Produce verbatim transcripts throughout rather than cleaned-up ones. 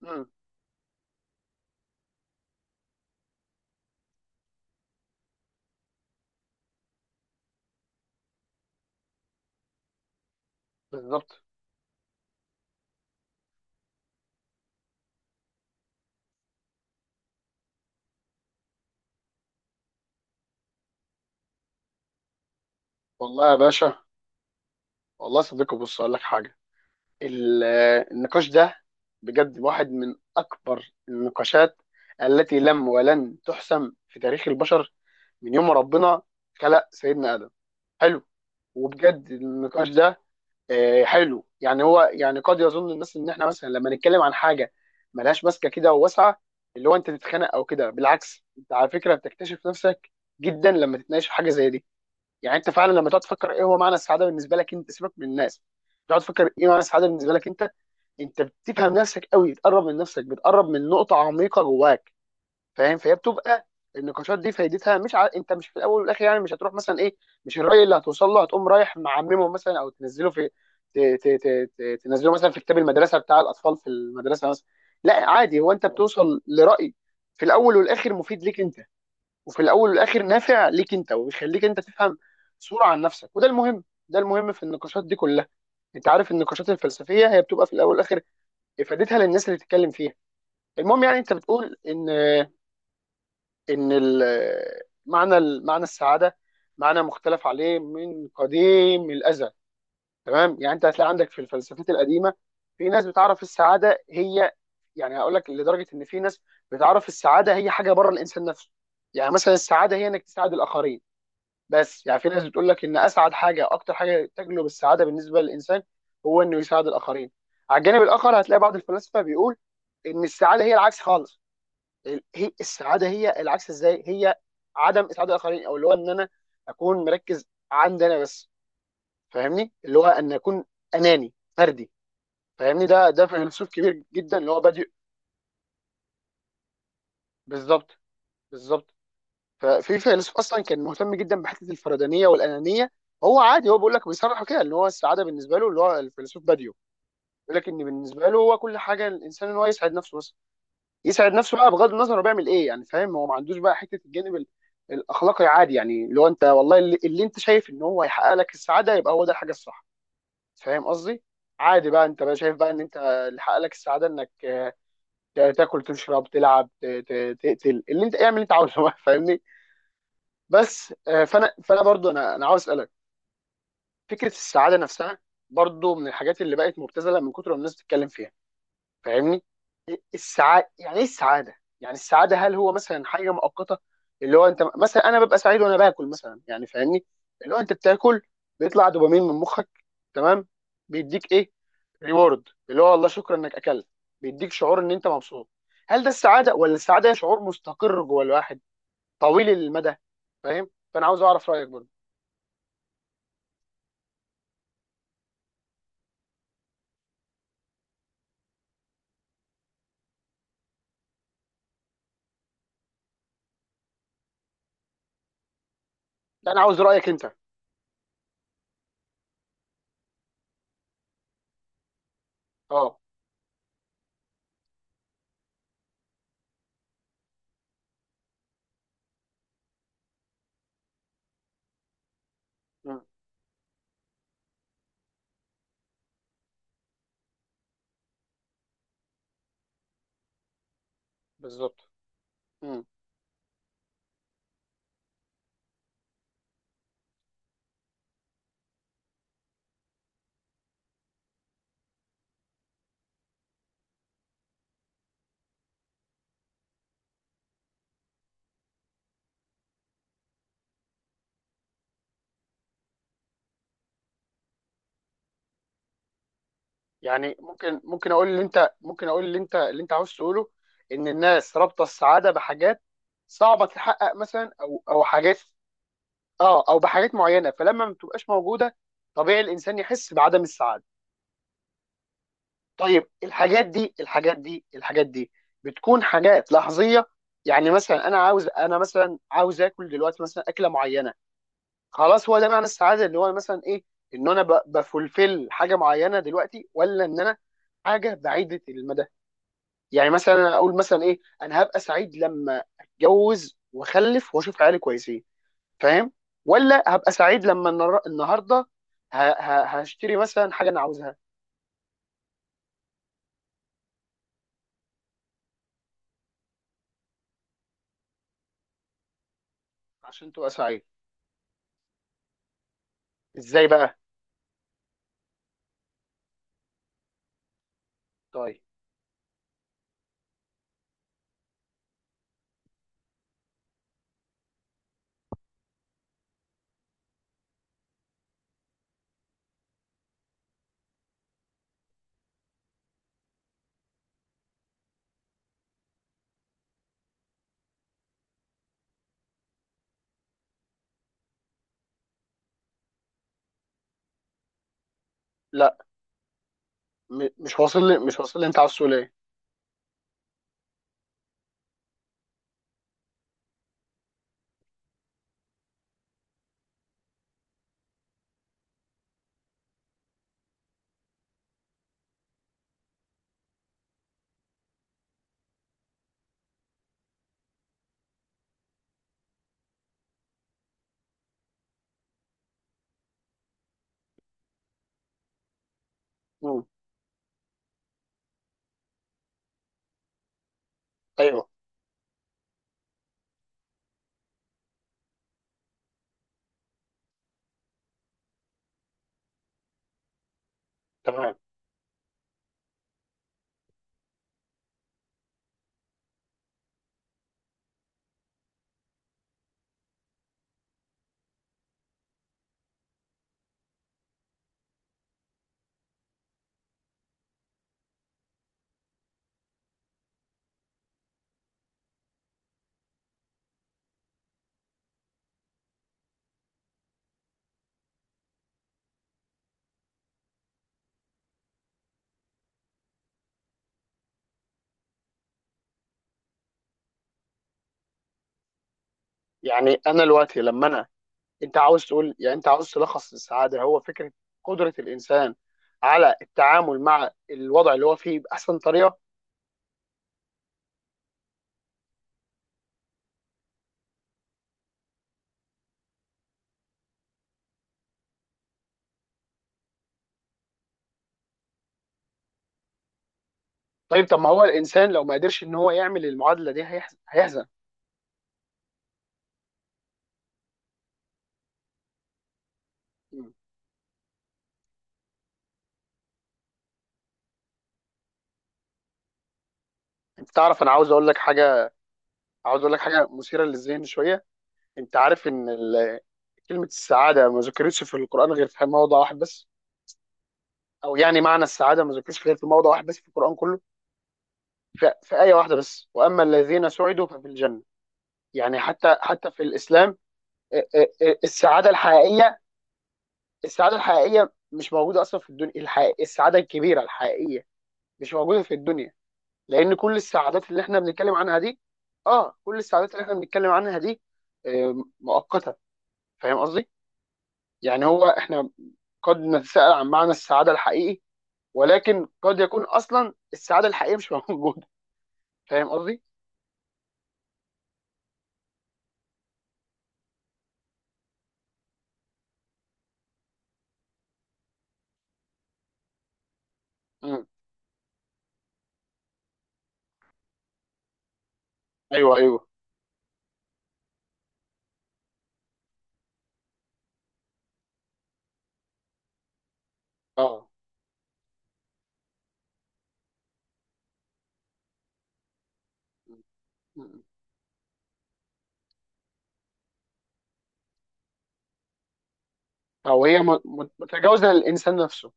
مم. بالظبط. والله يا باشا، والله يا صديقي بص اقول لك حاجه. ال- النقاش ده بجد واحد من اكبر النقاشات التي لم ولن تحسم في تاريخ البشر من يوم ما ربنا خلق سيدنا ادم. حلو، وبجد النقاش ده آه، حلو. يعني هو يعني قد يظن الناس ان احنا مثلا لما نتكلم عن حاجه ملهاش ماسكه كده وواسعه اللي هو انت تتخانق او كده، بالعكس انت على فكره بتكتشف نفسك جدا لما تتناقش في حاجه زي دي. يعني انت فعلا لما تقعد تفكر ايه هو معنى السعاده بالنسبه لك انت، سيبك من الناس، تقعد تفكر ايه معنى السعاده بالنسبه لك انت، انت بتفهم نفسك قوي، بتقرب من نفسك، بتقرب من نقطه عميقه جواك. فاهم؟ فهي بتبقى النقاشات دي فايدتها مش ع... انت مش في الاول والاخر، يعني مش هتروح مثلا ايه، مش الراي اللي هتوصل له هتقوم رايح معممه مثلا او تنزله في ت... ت... ت... ت... تنزله مثلا في كتاب المدرسه بتاع الاطفال في المدرسه مثلا. لا عادي، هو انت بتوصل لراي في الاول والاخر مفيد ليك انت، وفي الاول والاخر نافع ليك انت، وبيخليك انت تفهم صورة عن نفسك. وده المهم، ده المهم في النقاشات دي كلها. انت عارف النقاشات الفلسفية هي بتبقى في الاول والاخر افادتها للناس اللي بتتكلم فيها. المهم، يعني انت بتقول ان ان ال- معنى معنى السعادة معنى مختلف عليه من قديم الازل. تمام، يعني انت هتلاقي عندك في الفلسفات القديمة في ناس بتعرف السعادة هي، يعني هقول لك لدرجة ان في ناس بتعرف السعادة هي حاجة بره الانسان نفسه. يعني مثلا السعادة هي انك تساعد الاخرين. بس يعني في ناس بتقول لك ان اسعد حاجه، اكتر حاجه تجلب السعاده بالنسبه للانسان، هو انه يساعد الاخرين. على الجانب الاخر هتلاقي بعض الفلاسفه بيقول ان السعاده هي العكس خالص. ال- هي السعاده هي العكس ازاي؟ هي عدم اسعاد الاخرين، او اللي هو ان انا اكون مركز عندي انا بس. فاهمني؟ اللي هو ان اكون اناني فردي. فاهمني؟ ده ده فيلسوف كبير جدا اللي هو بادئ. بالظبط، بالظبط. ففي فيلسوف اصلا كان مهتم جدا بحته الفردانيه والانانيه. هو عادي، هو بيقول لك، بيصرح كده ان هو السعاده بالنسبه له، اللي هو الفيلسوف باديو، بيقول لك ان بالنسبه له هو كل حاجه الانسان ان هو يسعد نفسه بس. يسعد نفسه بقى بغض النظر هو بيعمل ايه. يعني فاهم، هو ما عندوش بقى حته الجانب ال- الاخلاقي عادي. يعني اللي هو انت والله اللي, اللي انت شايف ان هو هيحقق لك السعاده يبقى هو ده الحاجه الصح. فاهم قصدي؟ عادي بقى انت بقى شايف بقى ان انت اللي حقق لك السعاده انك آه، تاكل، تشرب، تلعب، ت- ت- تقتل، اللي انت اعمل اللي انت عاوزه بقى. فاهمني؟ بس آه، فانا فانا برضو انا انا عاوز اسالك، فكره السعاده نفسها برضو من الحاجات اللي بقت مبتذله من كتر ما الناس بتتكلم فيها. فاهمني؟ السعاده يعني ايه السعاده؟ يعني السعاده، هل هو مثلا حاجه مؤقته اللي هو انت مثلا، انا ببقى سعيد وانا باكل مثلا؟ يعني فاهمني، اللي هو انت بتاكل، بيطلع دوبامين من مخك، تمام، بيديك ايه، ريورد اللي هو والله شكرا انك اكلت، بيديك شعور ان انت مبسوط. هل ده السعاده، ولا السعاده هي شعور مستقر جوه الواحد طويل المدى؟ فاهم؟ فانا عاوز اعرف رايك برضو. لا انا عاوز رايك انت. اه. مم. بالظبط. مم. يعني ممكن، ممكن اقول اللي انت، ممكن اقول اللي انت اللي انت عاوز تقوله ان الناس رابطه السعاده بحاجات صعبه تتحقق مثلا، او او حاجات. اه او بحاجات معينه، فلما ما بتبقاش موجوده طبيعي الانسان يحس بعدم السعاده. طيب الحاجات دي، الحاجات دي، الحاجات دي بتكون حاجات لحظيه؟ يعني مثلا انا عاوز، انا مثلا عاوز اكل دلوقتي مثلا اكله معينه، خلاص هو ده معنى السعاده، اللي هو مثلا ايه، ان انا ب- بفulfill حاجه معينه دلوقتي، ولا ان انا حاجه بعيده المدى؟ يعني مثلا انا اقول مثلا ايه، انا هبقى سعيد لما اتجوز واخلف واشوف عيالي كويسين؟ فاهم؟ ولا هبقى سعيد لما النر- النهارده ه- ه- هشتري مثلا حاجه انا عاوزها؟ عشان تبقى سعيد. ازاي بقى؟ طيب. لا، م- مش واصل لي، مش واصل لي، انت عاوز تقول ايه؟ مم. ايوه. تمام. يعني انا دلوقتي لما انا، انت عاوز تقول، يعني انت عاوز تلخص السعاده هو فكره قدره الانسان على التعامل مع الوضع اللي هو فيه باحسن طريقه. طيب، طب ما هو الانسان لو ما قدرش ان هو يعمل المعادله دي هيحز- هيحزن. مم. انت تعرف، انا عاوز اقول لك حاجه، عاوز اقول لك حاجه مثيره للذهن شويه. انت عارف ان ال- كلمه السعاده ما ذكرتش في القران غير في موضع واحد بس، او يعني معنى السعاده ما ذكرش غير في موضع واحد بس في القران كله. في, في ايه واحده بس، واما الذين سعدوا ففي الجنه. يعني حتى، حتى في الاسلام السعاده الحقيقيه، السعاده الحقيقيه مش موجوده اصلا في الدنيا. الحقيقة السعاده الكبيره الحقيقيه مش موجوده في الدنيا، لان كل السعادات اللي احنا بنتكلم عنها دي، اه كل السعادات اللي احنا بنتكلم عنها دي آه، مؤقته. فاهم قصدي؟ يعني هو احنا قد نتساءل عن معنى السعاده الحقيقي، ولكن قد يكون اصلا السعاده الحقيقيه مش موجوده. فاهم قصدي؟ مم. ايوه، ايوه. اه. مم. او هي م- متجاوزه للانسان نفسه.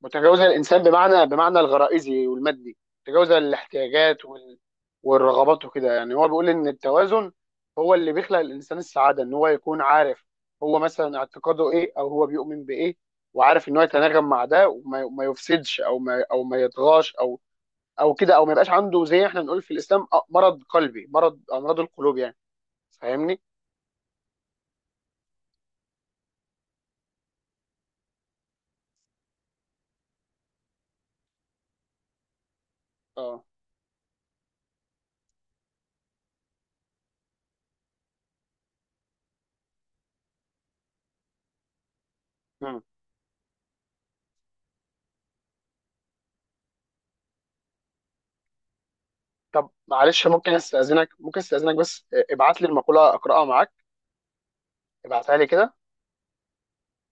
متجاوزه الانسان بمعنى، بمعنى الغرائزي والمادي، متجاوزه الاحتياجات وال... والرغبات وكده. يعني هو بيقول ان التوازن هو اللي بيخلق الانسان السعاده، ان هو يكون عارف هو مثلا اعتقاده ايه، او هو بيؤمن بايه، وعارف ان هو يتناغم مع ده، وما ما يفسدش، او ما، او ما يطغاش، او او كده، او ما يبقاش عنده زي احنا بنقول في الاسلام آه، مرض قلبي، مرض امراض القلوب يعني. فاهمني؟ اه. مم. طب معلش، ممكن استاذنك، ممكن استاذنك بس آه، ابعت لي المقوله اقراها معاك. ابعتها لي كده.